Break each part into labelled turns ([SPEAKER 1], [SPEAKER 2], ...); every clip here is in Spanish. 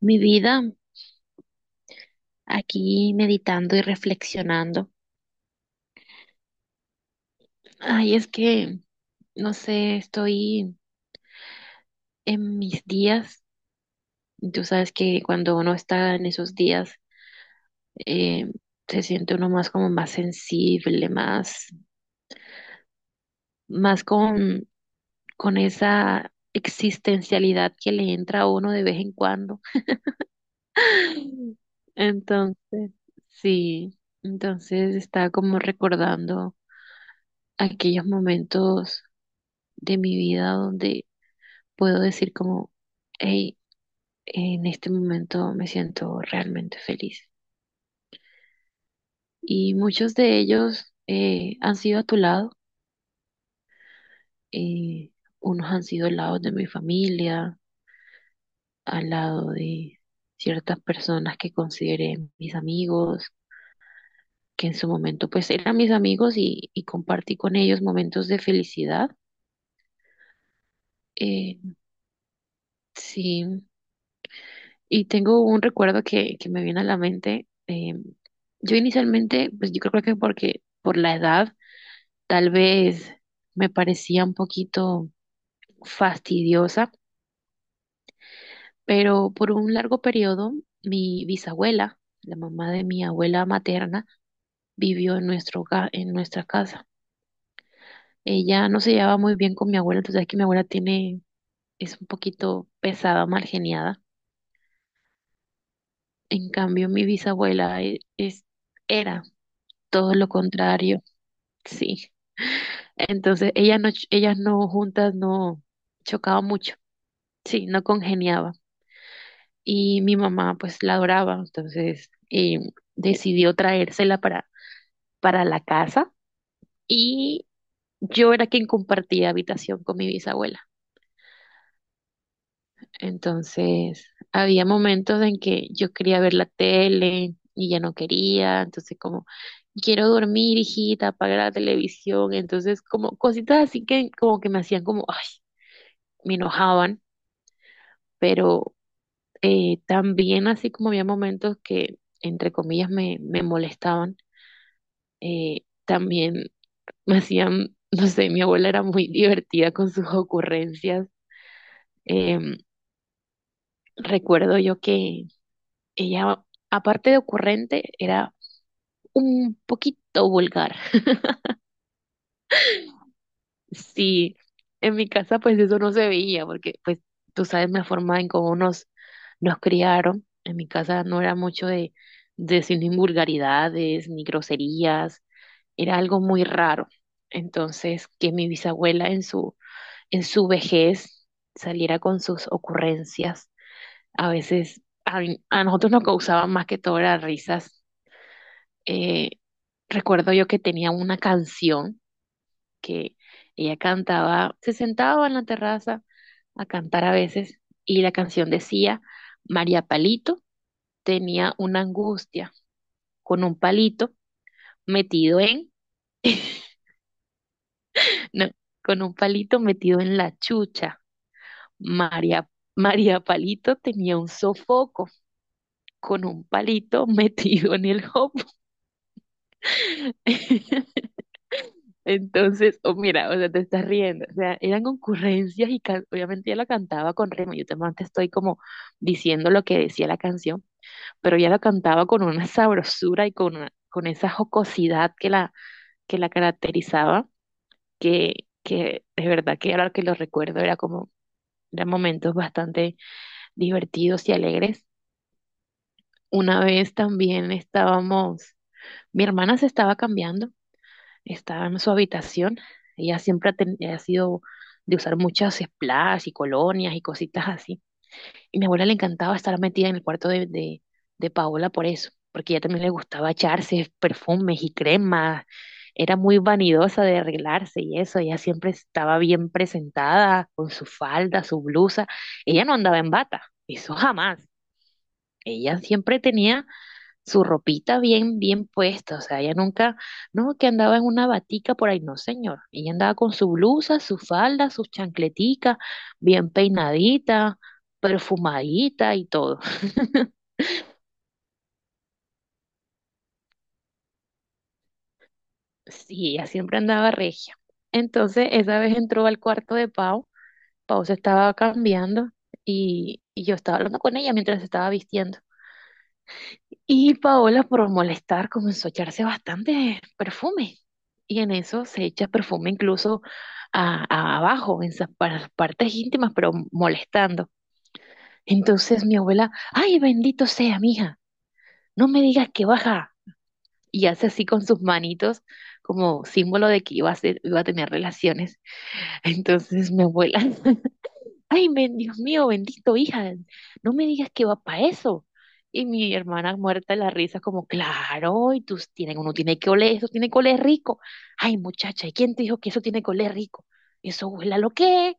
[SPEAKER 1] Mi vida aquí meditando y reflexionando. Ay, es que, no sé, estoy en mis días. Tú sabes que cuando uno está en esos días, eh, se siente uno más como más sensible, más, más con esa existencialidad que le entra a uno de vez en cuando. Entonces, sí, entonces estaba como recordando aquellos momentos de mi vida donde puedo decir como, hey, en este momento me siento realmente feliz. Y muchos de ellos han sido a tu lado, eh, unos han sido al lado de mi familia, al lado de ciertas personas que consideré mis amigos, que en su momento pues eran mis amigos y compartí con ellos momentos de felicidad. Eh, sí, y tengo un recuerdo que me viene a la mente. Yo inicialmente, pues yo creo que porque por la edad tal vez me parecía un poquito fastidiosa, pero por un largo periodo mi bisabuela, la mamá de mi abuela materna, vivió en nuestro, en nuestra casa. Ella no se llevaba muy bien con mi abuela, entonces es que mi abuela tiene, es un poquito pesada, malgeniada. En cambio, mi bisabuela es, era todo lo contrario, sí. Entonces, ellas no, ellas no juntas no chocaban mucho, sí, no congeniaban. Y mi mamá pues la adoraba, entonces decidió traérsela para la casa y yo era quien compartía habitación con mi bisabuela. Entonces había momentos en que yo quería ver la tele y ya no quería, entonces como quiero dormir, hijita, apaga la televisión, entonces como cositas así que como que me hacían como, ay, me enojaban, pero también así como había momentos que entre comillas me, me molestaban también me hacían, no sé, mi abuela era muy divertida con sus ocurrencias. Em, recuerdo yo que ella, aparte de ocurrente, era un poquito vulgar. Sí, en mi casa pues eso no se veía porque pues tú sabes la forma en cómo nos, nos criaron. En mi casa no era mucho de decir ni vulgaridades ni groserías, era algo muy raro. Entonces, que mi bisabuela en su vejez saliera con sus ocurrencias. A veces a nosotros nos causaban más que todo las risas. Eh, recuerdo yo que tenía una canción que ella cantaba, se sentaba en la terraza a cantar a veces y la canción decía, María Palito tenía una angustia con un palito metido en, no, con un palito metido en la chucha. María, María Palito tenía un sofoco con un palito metido en el hop. Entonces, oh, mira, o sea, te estás riendo. O sea, eran concurrencias y obviamente ya la cantaba con ritmo. Yo te estoy como diciendo lo que decía la canción, pero ya la cantaba con una sabrosura y con, con esa jocosidad que la caracterizaba, que, que de verdad que ahora que lo recuerdo era como, eran momentos bastante divertidos y alegres. Una vez también estábamos, mi hermana se estaba cambiando. Estaba en su habitación. Ella siempre ha, ha sido de usar muchas splash y colonias y cositas así. Y mi abuela le encantaba estar metida en el cuarto de Paola por eso, porque ella también le gustaba echarse perfumes y cremas. Era muy vanidosa de arreglarse y eso. Ella siempre estaba bien presentada con su falda, su blusa. Ella no andaba en bata, eso jamás. Ella siempre tenía su ropita bien, bien puesta, o sea, ella nunca, no, que andaba en una batica por ahí, no, señor, ella andaba con su blusa, su falda, sus chancleticas, bien peinadita, perfumadita y todo. Sí, ella siempre andaba regia. Entonces, esa vez entró al cuarto de Pau, Pau se estaba cambiando y yo estaba hablando con ella mientras se estaba vistiendo. Y Paola, por molestar, comenzó a echarse bastante perfume. Y en eso se echa perfume incluso a, abajo, en esas para las partes íntimas, pero molestando. Entonces mi abuela, ay, bendito sea, mija, no me digas que baja. Y hace así con sus manitos como símbolo de que iba a tener relaciones. Entonces mi abuela Ay, Dios mío, bendito, hija, no me digas que va para eso. Y mi hermana muerta de la risa, como, claro, y tú tienen, uno tiene que oler, eso tiene que oler rico. Ay, muchacha, ¿y quién te dijo que eso tiene que oler rico? Eso huele a lo que es.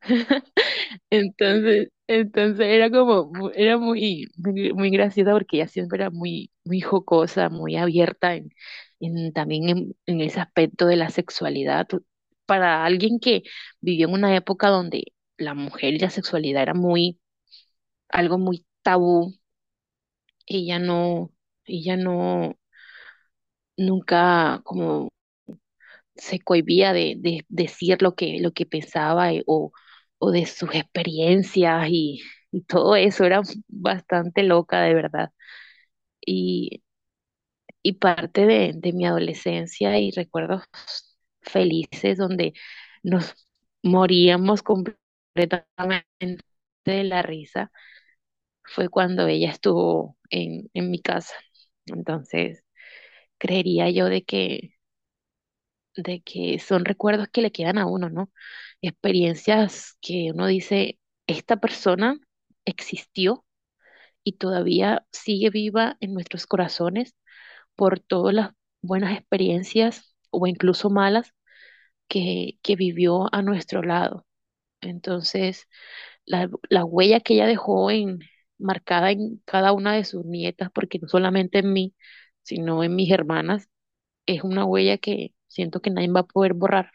[SPEAKER 1] Entonces, entonces era como, era muy, muy, muy graciosa porque ella siempre era muy, muy jocosa, muy abierta en, también en ese aspecto de la sexualidad. Para alguien que vivió en una época donde la mujer y la sexualidad era muy, algo muy tabú, ella no, ella no, nunca como se cohibía de decir lo que pensaba o de sus experiencias y todo eso. Era bastante loca, de verdad. Y, y parte de mi adolescencia y recuerdos felices donde nos moríamos completamente de la risa fue cuando ella estuvo en mi casa. Entonces, creería yo de que son recuerdos que le quedan a uno, ¿no? Experiencias que uno dice, esta persona existió y todavía sigue viva en nuestros corazones por todas las buenas experiencias o incluso malas que vivió a nuestro lado. Entonces, la huella que ella dejó en, marcada en cada una de sus nietas, porque no solamente en mí, sino en mis hermanas, es una huella que siento que nadie va a poder borrar.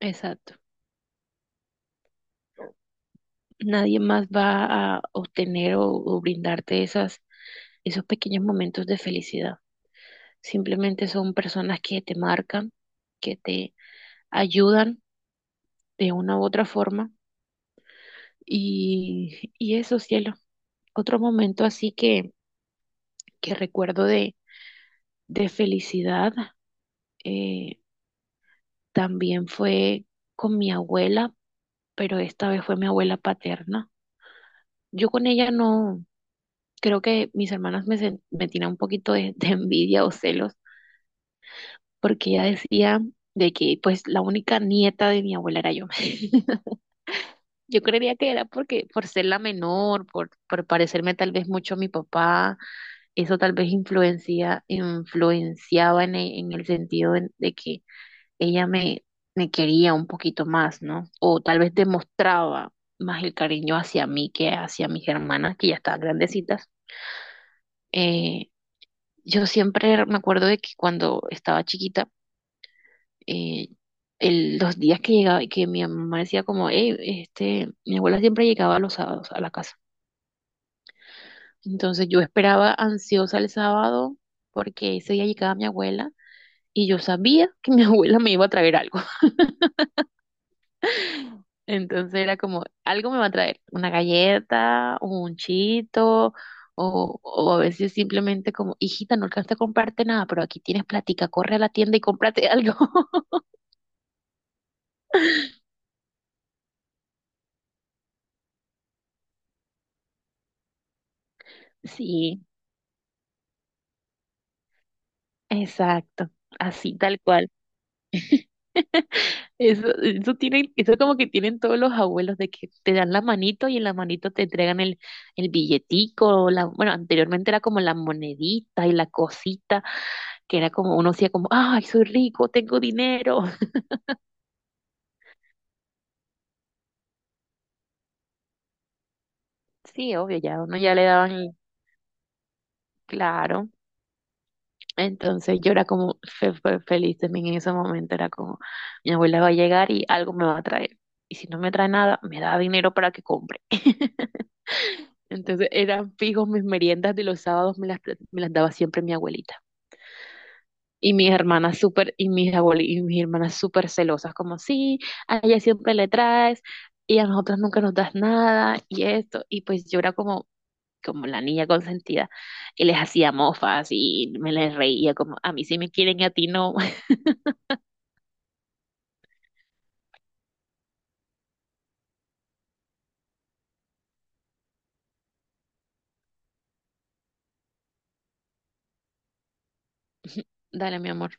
[SPEAKER 1] Exacto. Nadie más va a obtener o brindarte esas, esos pequeños momentos de felicidad. Simplemente son personas que te marcan, que te ayudan de una u otra forma. Y eso, cielo. Otro momento así que recuerdo de felicidad eh, también fue con mi abuela, pero esta vez fue mi abuela paterna. Yo con ella no, creo que mis hermanas me, me tiran un poquito de envidia o celos porque ella decía de que pues la única nieta de mi abuela era yo. Yo creería que era porque por ser la menor, por parecerme tal vez mucho a mi papá, eso tal vez influencia, influenciaba en, en el sentido de que ella me, me quería un poquito más, ¿no? O tal vez demostraba más el cariño hacia mí que hacia mis hermanas, que ya estaban grandecitas. Eh, yo siempre me acuerdo de que cuando estaba chiquita, eh, los días que llegaba, que mi mamá decía como, hey, este, mi abuela siempre llegaba los sábados a la casa. Entonces yo esperaba ansiosa el sábado porque ese día llegaba mi abuela y yo sabía que mi abuela me iba a traer algo. Entonces era como, algo me va a traer, una galleta, un chito. O a veces simplemente como, hijita, no alcanzaste a comprarte nada, pero aquí tienes platica, corre a la tienda y cómprate algo. Sí, exacto, así tal cual. Eso tienen, eso como que tienen todos los abuelos de que te dan la manito y en la manito te entregan el billetico, la, bueno, anteriormente era como la monedita y la cosita, que era como uno hacía como, ay, soy rico, tengo dinero. Sí, obvio, ya uno ya le daban, claro. Entonces yo era como feliz también en ese momento, era como, mi abuela va a llegar y algo me va a traer. Y si no me trae nada, me da dinero para que compre. Entonces eran fijos mis meriendas de los sábados, me las, me las daba siempre mi abuelita. Y mis hermanas súper, y y mis hermanas súper celosas, como, sí, a ella siempre le traes, y a nosotras nunca nos das nada, y esto. Y pues yo era como, como la niña consentida, y les hacía mofas, y me les reía, como, a mí sí me quieren y a ti no. Dale, mi amor.